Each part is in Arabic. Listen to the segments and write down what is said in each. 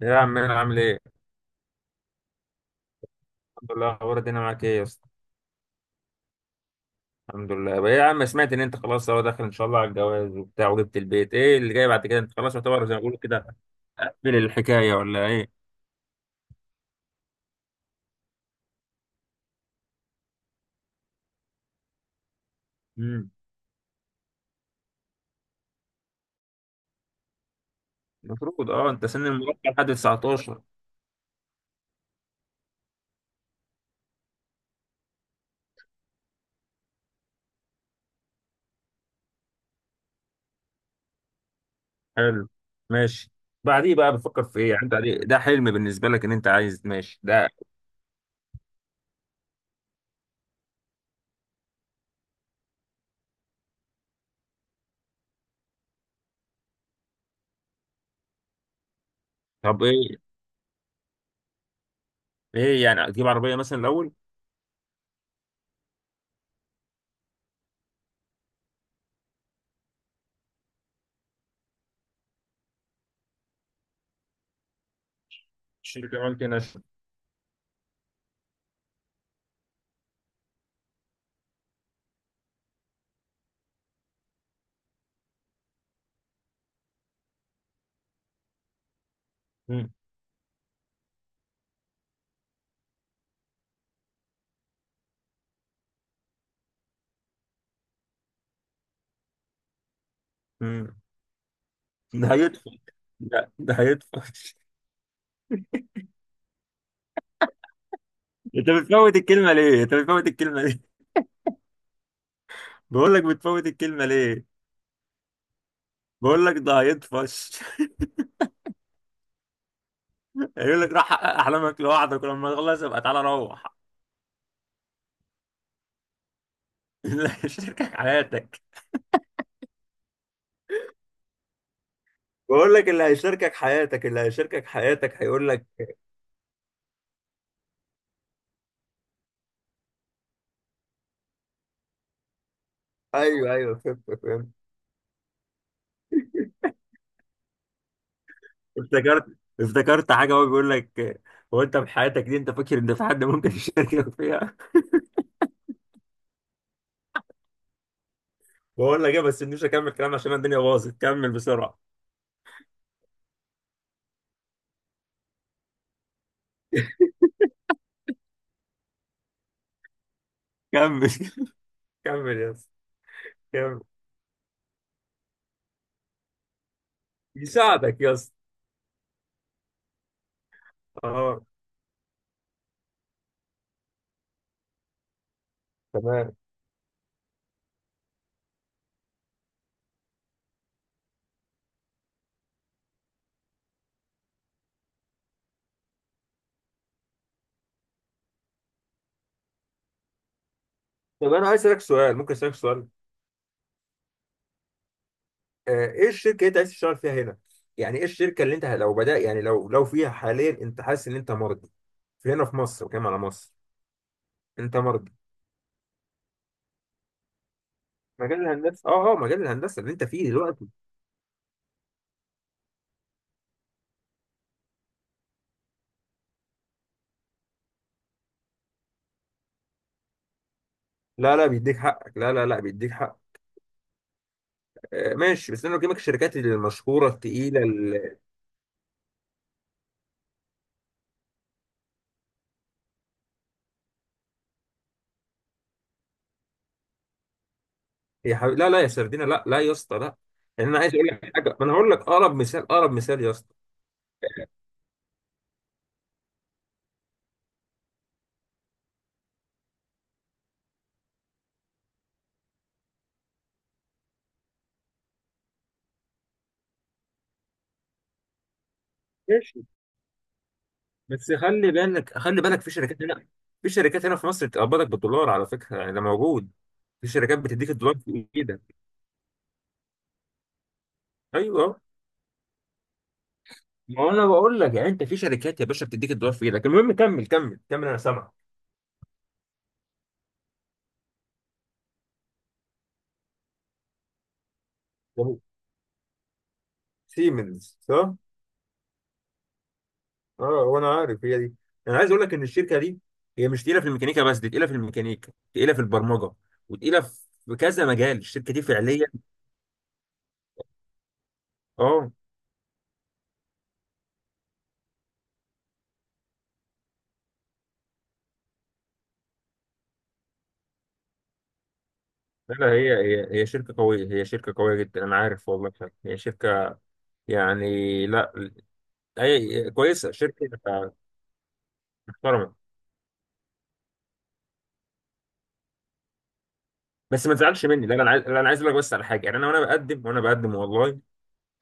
يا عم انا عامل ايه؟ الحمد لله. اخبار الدنيا معاك ايه يا اسطى؟ الحمد لله. بقى إيه يا عم، سمعت ان انت خلاص هو داخل ان شاء الله على الجواز وبتاع وجبت البيت، ايه اللي جاي بعد كده؟ انت خلاص يعتبر زي ما بيقولوا كده قفل الحكايه ولا ايه؟ امم المفروض اه انت سن المراهقه لحد 19. حلو. ماشي. بعديه بقى بتفكر في ايه؟ يعني ده حلم بالنسبه لك ان انت عايز ماشي ده؟ طب ايه؟ ايه يعني، تجيب عربيه مثلا الاول؟ شركه مالتي ناشونال. امم امم ده هيدفع. ده هيدفع. انت بتفوت الكلمه ليه؟ انت بتفوت الكلمه. بقول لك بتفوت الكلمة ليه؟ بقول لك ده هيطفش. يقول لك راح حقق أحلامك لوحدك ولما تخلص يبقى تعالى روح. اللي هيشاركك حياتك. بقول لك اللي هيشاركك حياتك، اللي هيشاركك حياتك هيقول لك. ايوه ايوه، فهمت فهمت. افتكرت، افتكرت حاجة. هو بيقول لك هو أنت في حياتك دي أنت فاكر إن في حد ممكن يشاركك فيها؟ بقول لك إيه بس مش هكمل كلام عشان الدنيا باظت. كمل بسرعة. كمل. كمل يا اسطى. كمل، يساعدك يا اسطى. اه. تمام. طب انا عايز اسالك سؤال، ممكن اسالك سؤال؟ ايه الشركه اللي انت عايز تشتغل فيها هنا؟ يعني ايه الشركه اللي انت لو بدأ، يعني لو فيها حاليا انت حاسس ان انت مرضي في هنا في مصر وكمان على مصر انت مرضي؟ مجال الهندسه، اه اه، مجال الهندسه اللي انت فيه دلوقتي. لا لا، بيديك حقك، لا لا لا، بيديك حق. آه ماشي، بس انا بكلمك الشركات المشهوره التقيله يا حبيبي لا لا يا سردينه، لا لا يا اسطى لا. يعني انا عايز اقول لك حاجه، ما انا هقول لك اقرب مثال، اقرب مثال يا اسطى. ماشي. بس خلي بالك، خلي بالك، في شركات هنا، في شركات هنا في مصر بتقبضك بالدولار على فكره، يعني ده موجود. في شركات بتديك الدولار في ايدك. ايوه. ما هو انا بقول لك، يعني انت في شركات يا باشا بتديك الدولار في ايدك، المهم كمل كمل كمل انا سامعك. طب سيمنز صح؟ اه وانا عارف هي دي. انا عايز اقول لك ان الشركه دي هي مش تقيله في الميكانيكا بس، دي تقيله في الميكانيكا، تقيله في البرمجه، وتقيله في كذا مجال الشركه دي فعليا. اه لا لا، هي هي شركه قويه، هي شركه قويه جدا انا عارف والله فعلا، هي شركه يعني، لا هي كويسه، شركه محترمه. بس ما تزعلش مني، لا انا عايز، لا، انا عايز اقول لك بس على حاجه، يعني انا وانا بقدم وانا بقدم والله.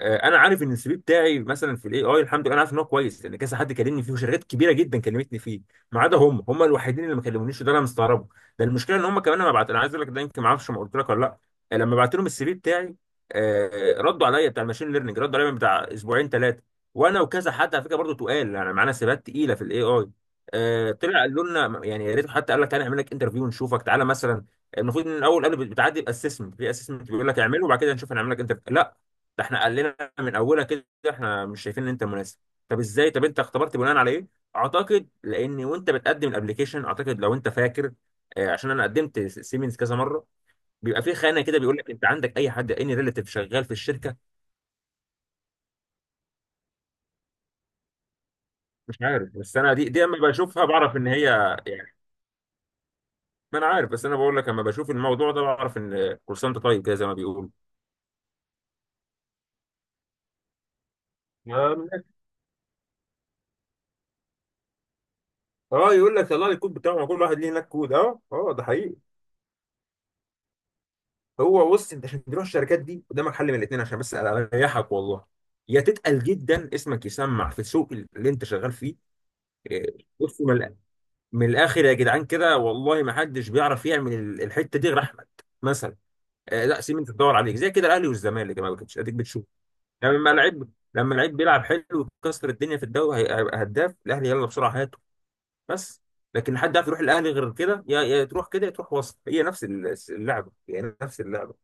انا عارف ان السي في بتاعي مثلا في الاي اي الحمد لله، انا عارف ان هو كويس لان كذا حد كلمني فيه وشركات كبيره جدا كلمتني فيه. ما عدا هم الوحيدين اللي ما كلمونيش وده انا مستغربه. ده المشكله ان هم كمان لما بعت، انا عايز اقول لك ده يمكن ما اعرفش ما قلت لك ولا لا. لما بعت لهم السي في بتاعي، ردوا عليا بتاع الماشين ليرنينج، ردوا عليا من بتاع اسبوعين ثلاثه، وانا وكذا حد على فكره برضه تقال يعني معانا، سيبات تقيله في الاي اي. طلع قالوا لنا يعني يا ريت، حتى قال لك تعالى نعمل لك انترفيو ونشوفك تعالى مثلا. المفروض ان الاول قالوا بتعدي الاسسمنت، في اسسمنت بيقول لك اعمله وبعد كده نشوف هنعمل لك انترفيو، لا، ده احنا قال لنا من اولها كده احنا مش شايفين ان انت مناسب. طب ازاي؟ طب انت اختبرت بناء على ايه؟ اعتقد لان وانت بتقدم الابليكيشن، اعتقد لو انت فاكر، عشان انا قدمت سيمنز كذا مره، بيبقى في خانه كده بيقول لك انت عندك اي حد اني ريليتيف شغال في الشركه. مش عارف، بس انا دي لما بشوفها بعرف ان هي يعني، ما انا عارف، بس انا بقول لك لما بشوف الموضوع ده بعرف ان كول سنتر طيب كده زي ما بيقولوا. اه من الآخر. يقول لك طلع لي الكود بتاعه، ما كل واحد ليه هناك كود؟ اه اه ده حقيقي. هو بص انت عشان تروح الشركات دي قدامك حل من الاثنين عشان بس اريحك والله: يا تتقل جدا، اسمك يسمع في السوق اللي انت شغال فيه. إيه، بص من الاخر يا جدعان كده، والله ما حدش بيعرف يعمل الحته دي غير احمد مثلا. لا سيب انت تدور عليك زي كده الاهلي والزمالك يا جماعه، كنتش اديك بتشوف. لما لعيب، لما لعيب بيلعب حلو وكسر الدنيا في الدوري، هيبقى هداف الاهلي، يلا بسرعه هاته. بس. لكن حد عارف يروح الاهلي غير كده؟ يا يا تروح كده يا تروح وسط، هي نفس اللعبه، هي نفس اللعبه.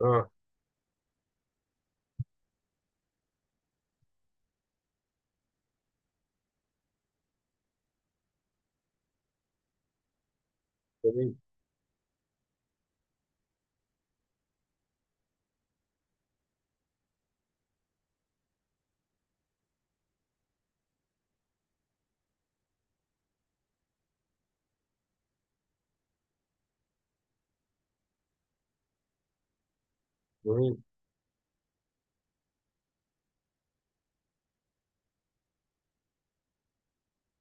اه. جميل.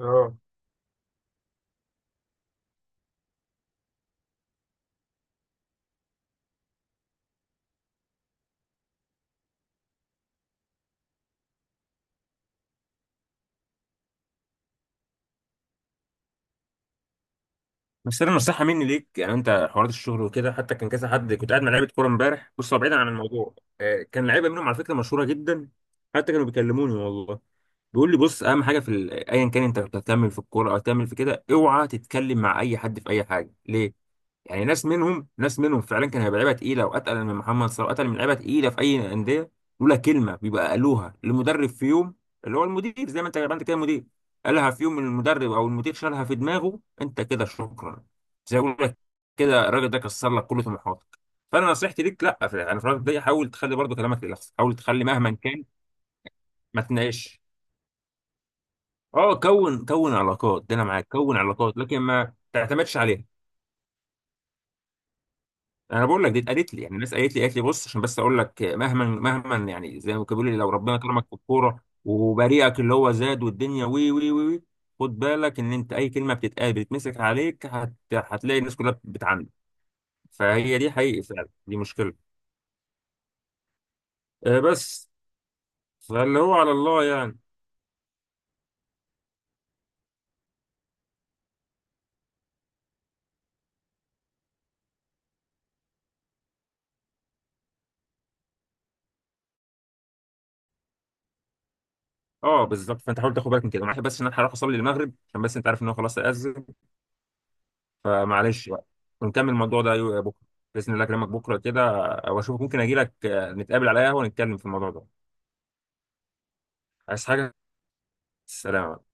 اه بس انا نصيحه مني ليك، يعني انت حوارات الشغل وكده، حتى كان كذا حد كنت قاعد مع لعيبه كوره امبارح، بص هو بعيدا عن الموضوع، كان لعيبه منهم على فكره مشهوره جدا، حتى كانوا بيكلموني والله، بيقول لي بص اهم حاجه في ايا كان انت بتكمل في الكوره او تكمل في كده، اوعى تتكلم مع اي حد في اي حاجه. ليه؟ يعني ناس منهم فعلا كان هيبقى لعيبه تقيله، واتقل من محمد صلاح، واتقل من لعيبه تقيله في اي انديه، لولا كلمه بيبقى قالوها للمدرب في يوم، اللي هو المدير، زي ما انت، ما انت كده مدير، قالها في يوم المدرب او المدير شالها في دماغه انت كده، شكرا. زي ما بقول لك كده الراجل ده كسر لك كل طموحاتك. فانا نصيحتي ليك، لا في يعني في الراجل ده حاول تخلي برضه كلامك للاخص، حاول تخلي مهما كان ما تناقش. اه، كون علاقات، ده انا معاك كون علاقات، لكن ما تعتمدش عليها. انا بقول لك دي اتقالت لي يعني، الناس قالت لي، قالت لي بص عشان بس اقول لك، مهما يعني، زي ما كانوا بيقولوا لي، لو ربنا كرمك في الكوره وبريئك اللي هو زاد والدنيا وي وي وي وي، خد بالك ان انت اي كلمه بتتقال بتتمسك عليك، هتلاقي الناس كلها بتعاندك. فهي دي حقيقي فعلا، دي مشكله. آه بس. فاللي هو على الله يعني. اه بالظبط، فانت حاول تاخد بالك من كده. معلش بس ان انا هروح اصلي المغرب عشان بس انت عارف ان هو خلاص اذن. فمعلش بقى، ونكمل الموضوع ده بكره، باذن الله اكلمك بكره كده واشوفك، ممكن اجي لك، نتقابل على قهوه ونتكلم في الموضوع ده. عايز حاجة؟ سلام.